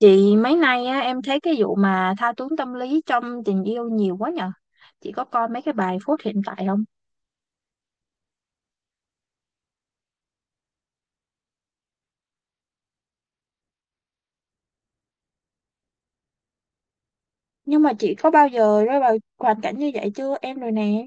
Chị mấy nay á, em thấy cái vụ mà thao túng tâm lý trong tình yêu nhiều quá nhờ. Chị có coi mấy cái bài phút hiện tại không? Nhưng mà chị có bao giờ rơi vào hoàn cảnh như vậy chưa? Em rồi nè.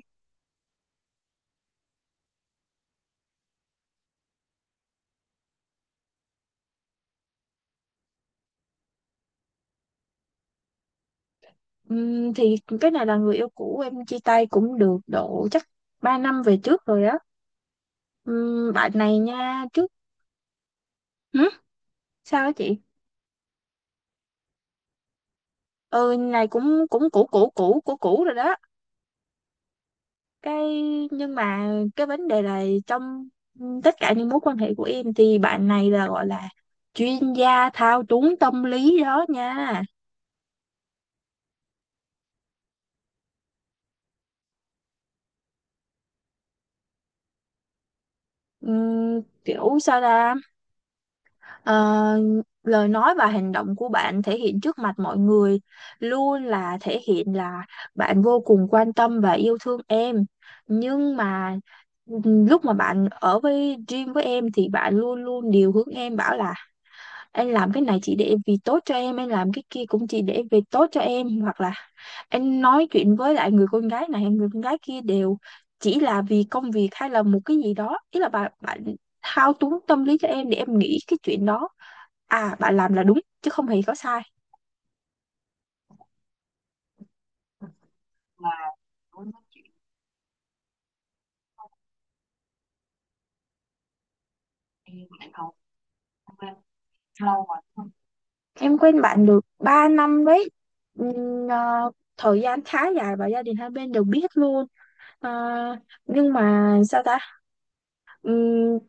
Thì cái này là người yêu cũ, em chia tay cũng được độ chắc 3 năm về trước rồi á. Bạn này nha. Trước hử? Sao á chị? Ừ, này cũng cũng cũ cũ cũ cũ cũ rồi đó. Cái nhưng mà cái vấn đề là trong, tất cả những mối quan hệ của em thì bạn này là gọi là chuyên gia thao túng tâm lý đó nha. Kiểu sao ra, Ờ, lời nói và hành động của bạn thể hiện trước mặt mọi người luôn là thể hiện là bạn vô cùng quan tâm và yêu thương em. Nhưng mà lúc mà bạn ở với Dream với em thì bạn luôn luôn điều hướng em, bảo là anh làm cái này chỉ để vì tốt cho em, anh làm cái kia cũng chỉ để vì tốt cho em, hoặc là anh nói chuyện với lại người con gái này người con gái kia đều chỉ là vì công việc hay là một cái gì đó. Ý là bạn bạn thao túng tâm lý cho em để em nghĩ cái chuyện đó à, bạn làm là đúng chứ không hề có sai. Em quen bạn được 3 năm đấy. Ừm, ờ, Thời gian khá dài và gia đình hai bên đều biết luôn. Ờ, nhưng mà sao ta. Ừm,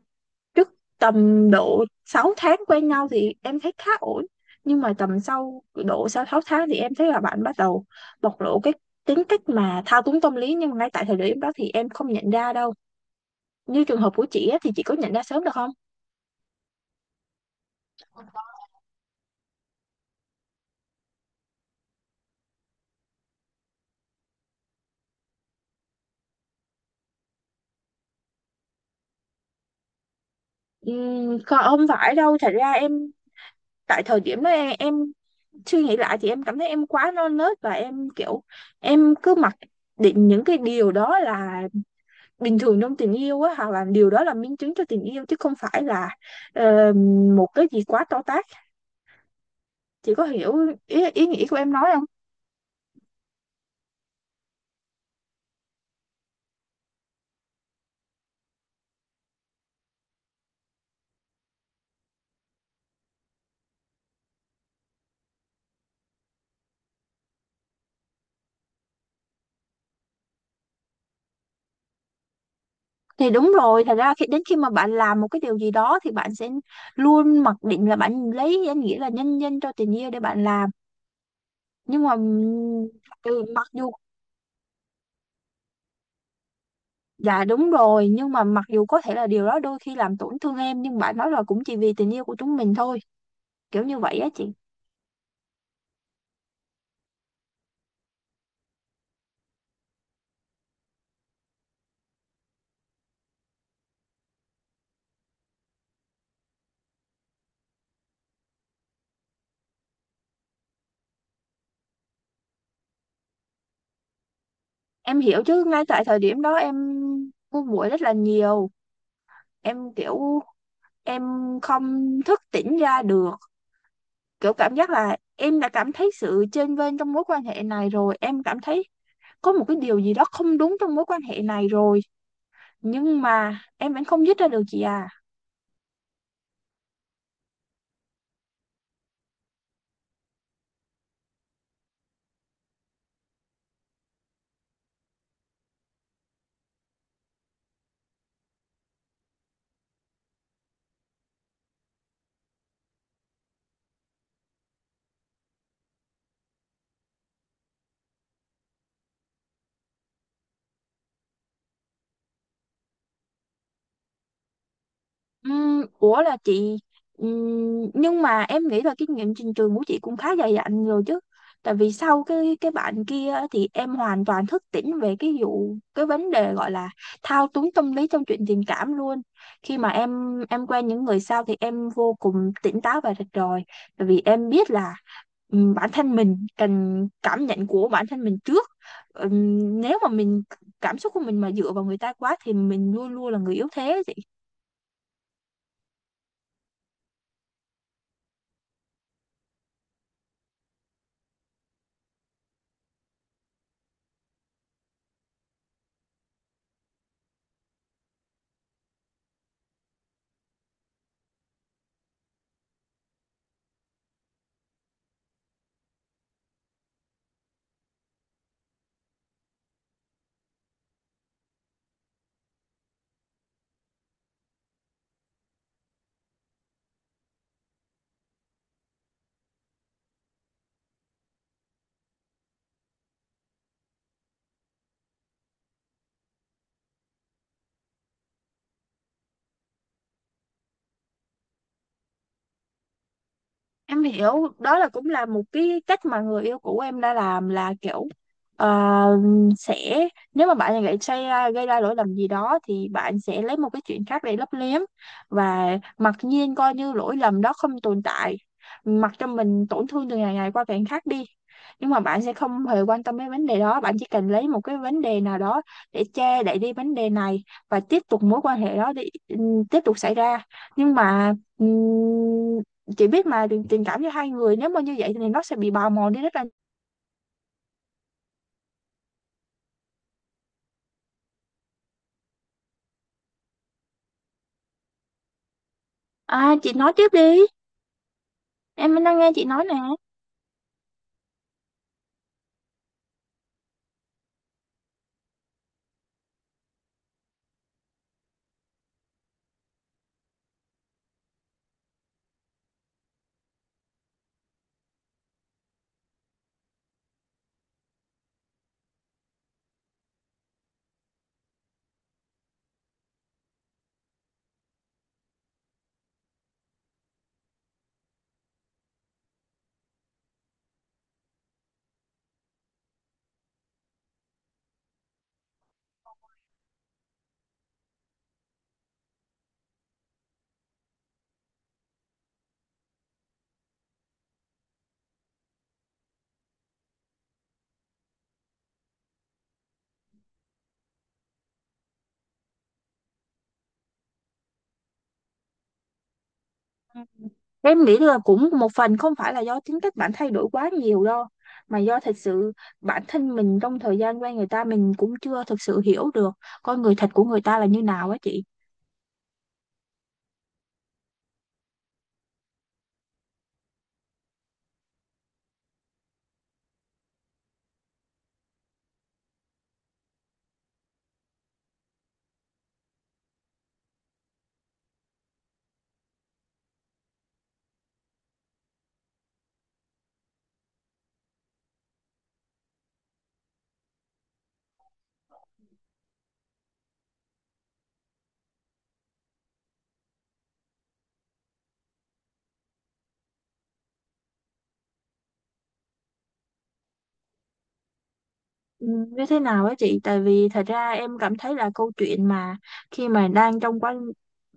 Trước tầm độ 6 tháng quen nhau thì em thấy khá ổn, nhưng mà tầm sau độ sau 6 tháng thì em thấy là bạn bắt đầu bộc lộ cái tính cách mà thao túng tâm lý, nhưng mà ngay tại thời điểm đó thì em không nhận ra đâu. Như trường hợp của chị á, thì chị có nhận ra sớm được không? Không phải đâu, thật ra em tại thời điểm đó, em suy nghĩ lại thì em cảm thấy em quá non nớt và em kiểu em cứ mặc định những cái điều đó là bình thường trong tình yêu á, hoặc là điều đó là minh chứng cho tình yêu chứ không phải là ờ, một cái gì quá to tát. Chị có hiểu ý nghĩa của em nói không? Thì đúng rồi, thật ra khi đến khi mà bạn làm một cái điều gì đó thì bạn sẽ luôn mặc định là bạn lấy danh nghĩa là nhân danh cho tình yêu để bạn làm. Nhưng mà ừ, mặc dù dạ đúng rồi, nhưng mà mặc dù có thể là điều đó đôi khi làm tổn thương em, nhưng bạn nói là cũng chỉ vì tình yêu của chúng mình thôi, kiểu như vậy á chị. Em hiểu chứ, ngay tại thời điểm đó em buồn muội rất là nhiều. Em kiểu em không thức tỉnh ra được, kiểu cảm giác là em đã cảm thấy sự chênh vênh trong mối quan hệ này rồi, em cảm thấy có một cái điều gì đó không đúng trong mối quan hệ này rồi, nhưng mà em vẫn không dứt ra được chị à. Ủa là chị nhưng mà em nghĩ là kinh nghiệm trình trường của chị cũng khá dày dặn rồi chứ. Tại vì sau cái bạn kia á, thì em hoàn toàn thức tỉnh về cái vấn đề gọi là thao túng tâm lý trong chuyện tình cảm luôn. Khi mà em quen những người sau thì em vô cùng tỉnh táo và rạch ròi, tại vì em biết là bản thân mình cần cảm nhận của bản thân mình trước. Nếu mà mình cảm xúc của mình mà dựa vào người ta quá thì mình luôn luôn là người yếu thế. Em hiểu, đó là cũng là một cái cách mà người yêu cũ em đã làm, là kiểu ờ, sẽ nếu mà bạn lại gây ra lỗi lầm gì đó thì bạn sẽ lấy một cái chuyện khác để lấp liếm và mặc nhiên coi như lỗi lầm đó không tồn tại, mặc cho mình tổn thương từ ngày ngày qua ngày khác đi. Nhưng mà bạn sẽ không hề quan tâm đến vấn đề đó, bạn chỉ cần lấy một cái vấn đề nào đó để che đậy đi vấn đề này và tiếp tục mối quan hệ đó đi, tiếp tục xảy ra. Nhưng mà ừm, chị biết mà tình cảm giữa hai người nếu mà như vậy thì nó sẽ bị bào mòn đi rất là. À chị nói tiếp đi, em đang nghe chị nói nè. Ừ, em nghĩ là cũng một phần không phải là do tính cách bạn thay đổi quá nhiều đâu, mà do thật sự bản thân mình trong thời gian quen người ta mình cũng chưa thực sự hiểu được con người thật của người ta là như nào á chị. Ừ, như thế nào á chị, tại vì thật ra em cảm thấy là câu chuyện mà khi mà đang trong quá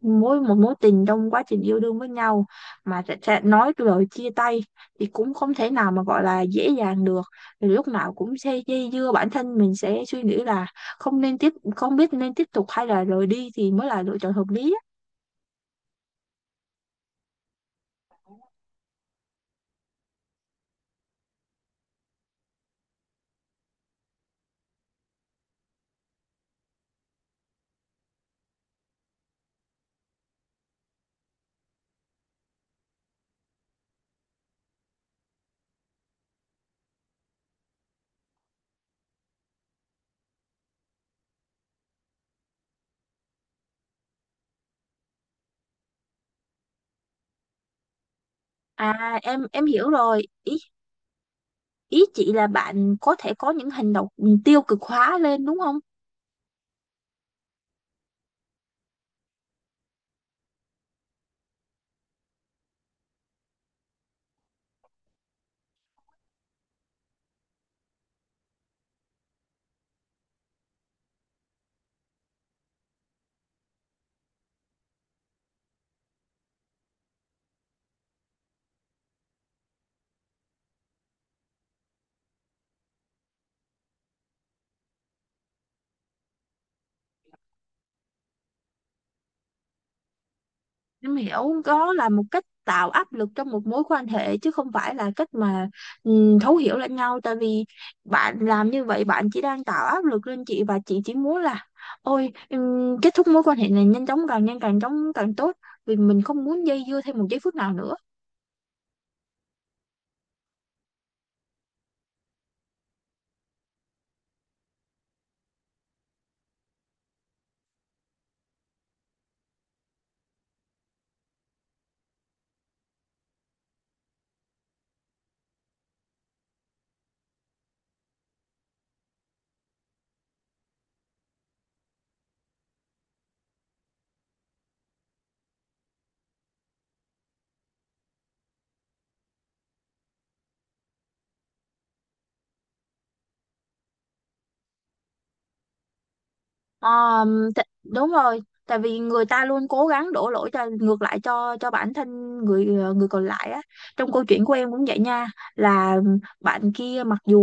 mối tình trong quá trình yêu đương với nhau mà sẽ nói lời chia tay thì cũng không thể nào mà gọi là dễ dàng được. Thì lúc nào cũng sẽ dây dưa, bản thân mình sẽ suy nghĩ là không biết nên tiếp tục hay là rời đi thì mới là lựa chọn hợp lý á. À em hiểu rồi, ý ý chị là bạn có thể có những hành động tiêu cực hóa lên đúng không? Em hiểu, đó là một cách tạo áp lực trong một mối quan hệ chứ không phải là cách mà thấu hiểu lẫn nhau. Tại vì bạn làm như vậy, bạn chỉ đang tạo áp lực lên chị, và chị chỉ muốn là ôi kết thúc mối quan hệ này nhanh chóng, càng nhanh càng chóng càng tốt, vì mình không muốn dây dưa thêm một giây phút nào nữa. Ờ, Đúng rồi, tại vì người ta luôn cố gắng đổ lỗi cho ngược lại cho bản thân người người còn lại á. Trong câu chuyện của em cũng vậy nha, là bạn kia mặc dù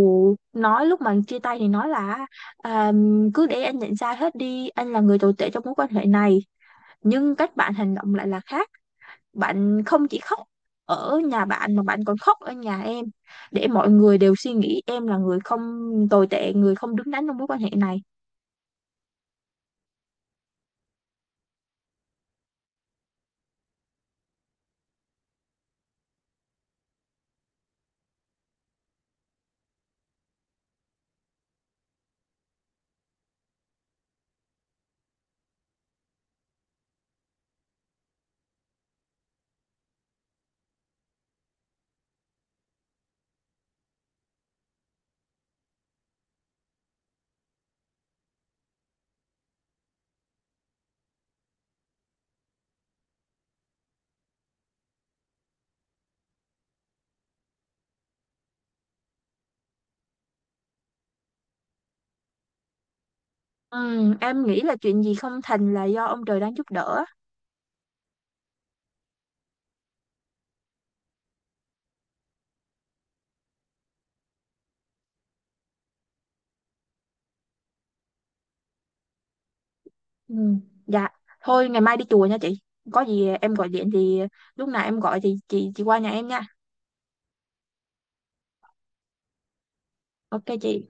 nói lúc mà chia tay thì nói là à, cứ để anh nhận sai hết đi, anh là người tồi tệ trong mối quan hệ này, nhưng cách bạn hành động lại là khác. Bạn không chỉ khóc ở nhà bạn mà bạn còn khóc ở nhà em, để mọi người đều suy nghĩ em là người không tồi tệ, người không đứng đắn trong mối quan hệ này. Ừ, em nghĩ là chuyện gì không thành là do ông trời đang giúp đỡ. Ừ. Dạ, thôi ngày mai đi chùa nha chị. Có gì em gọi điện thì lúc nào em gọi thì chị qua nhà em nha. Ok chị.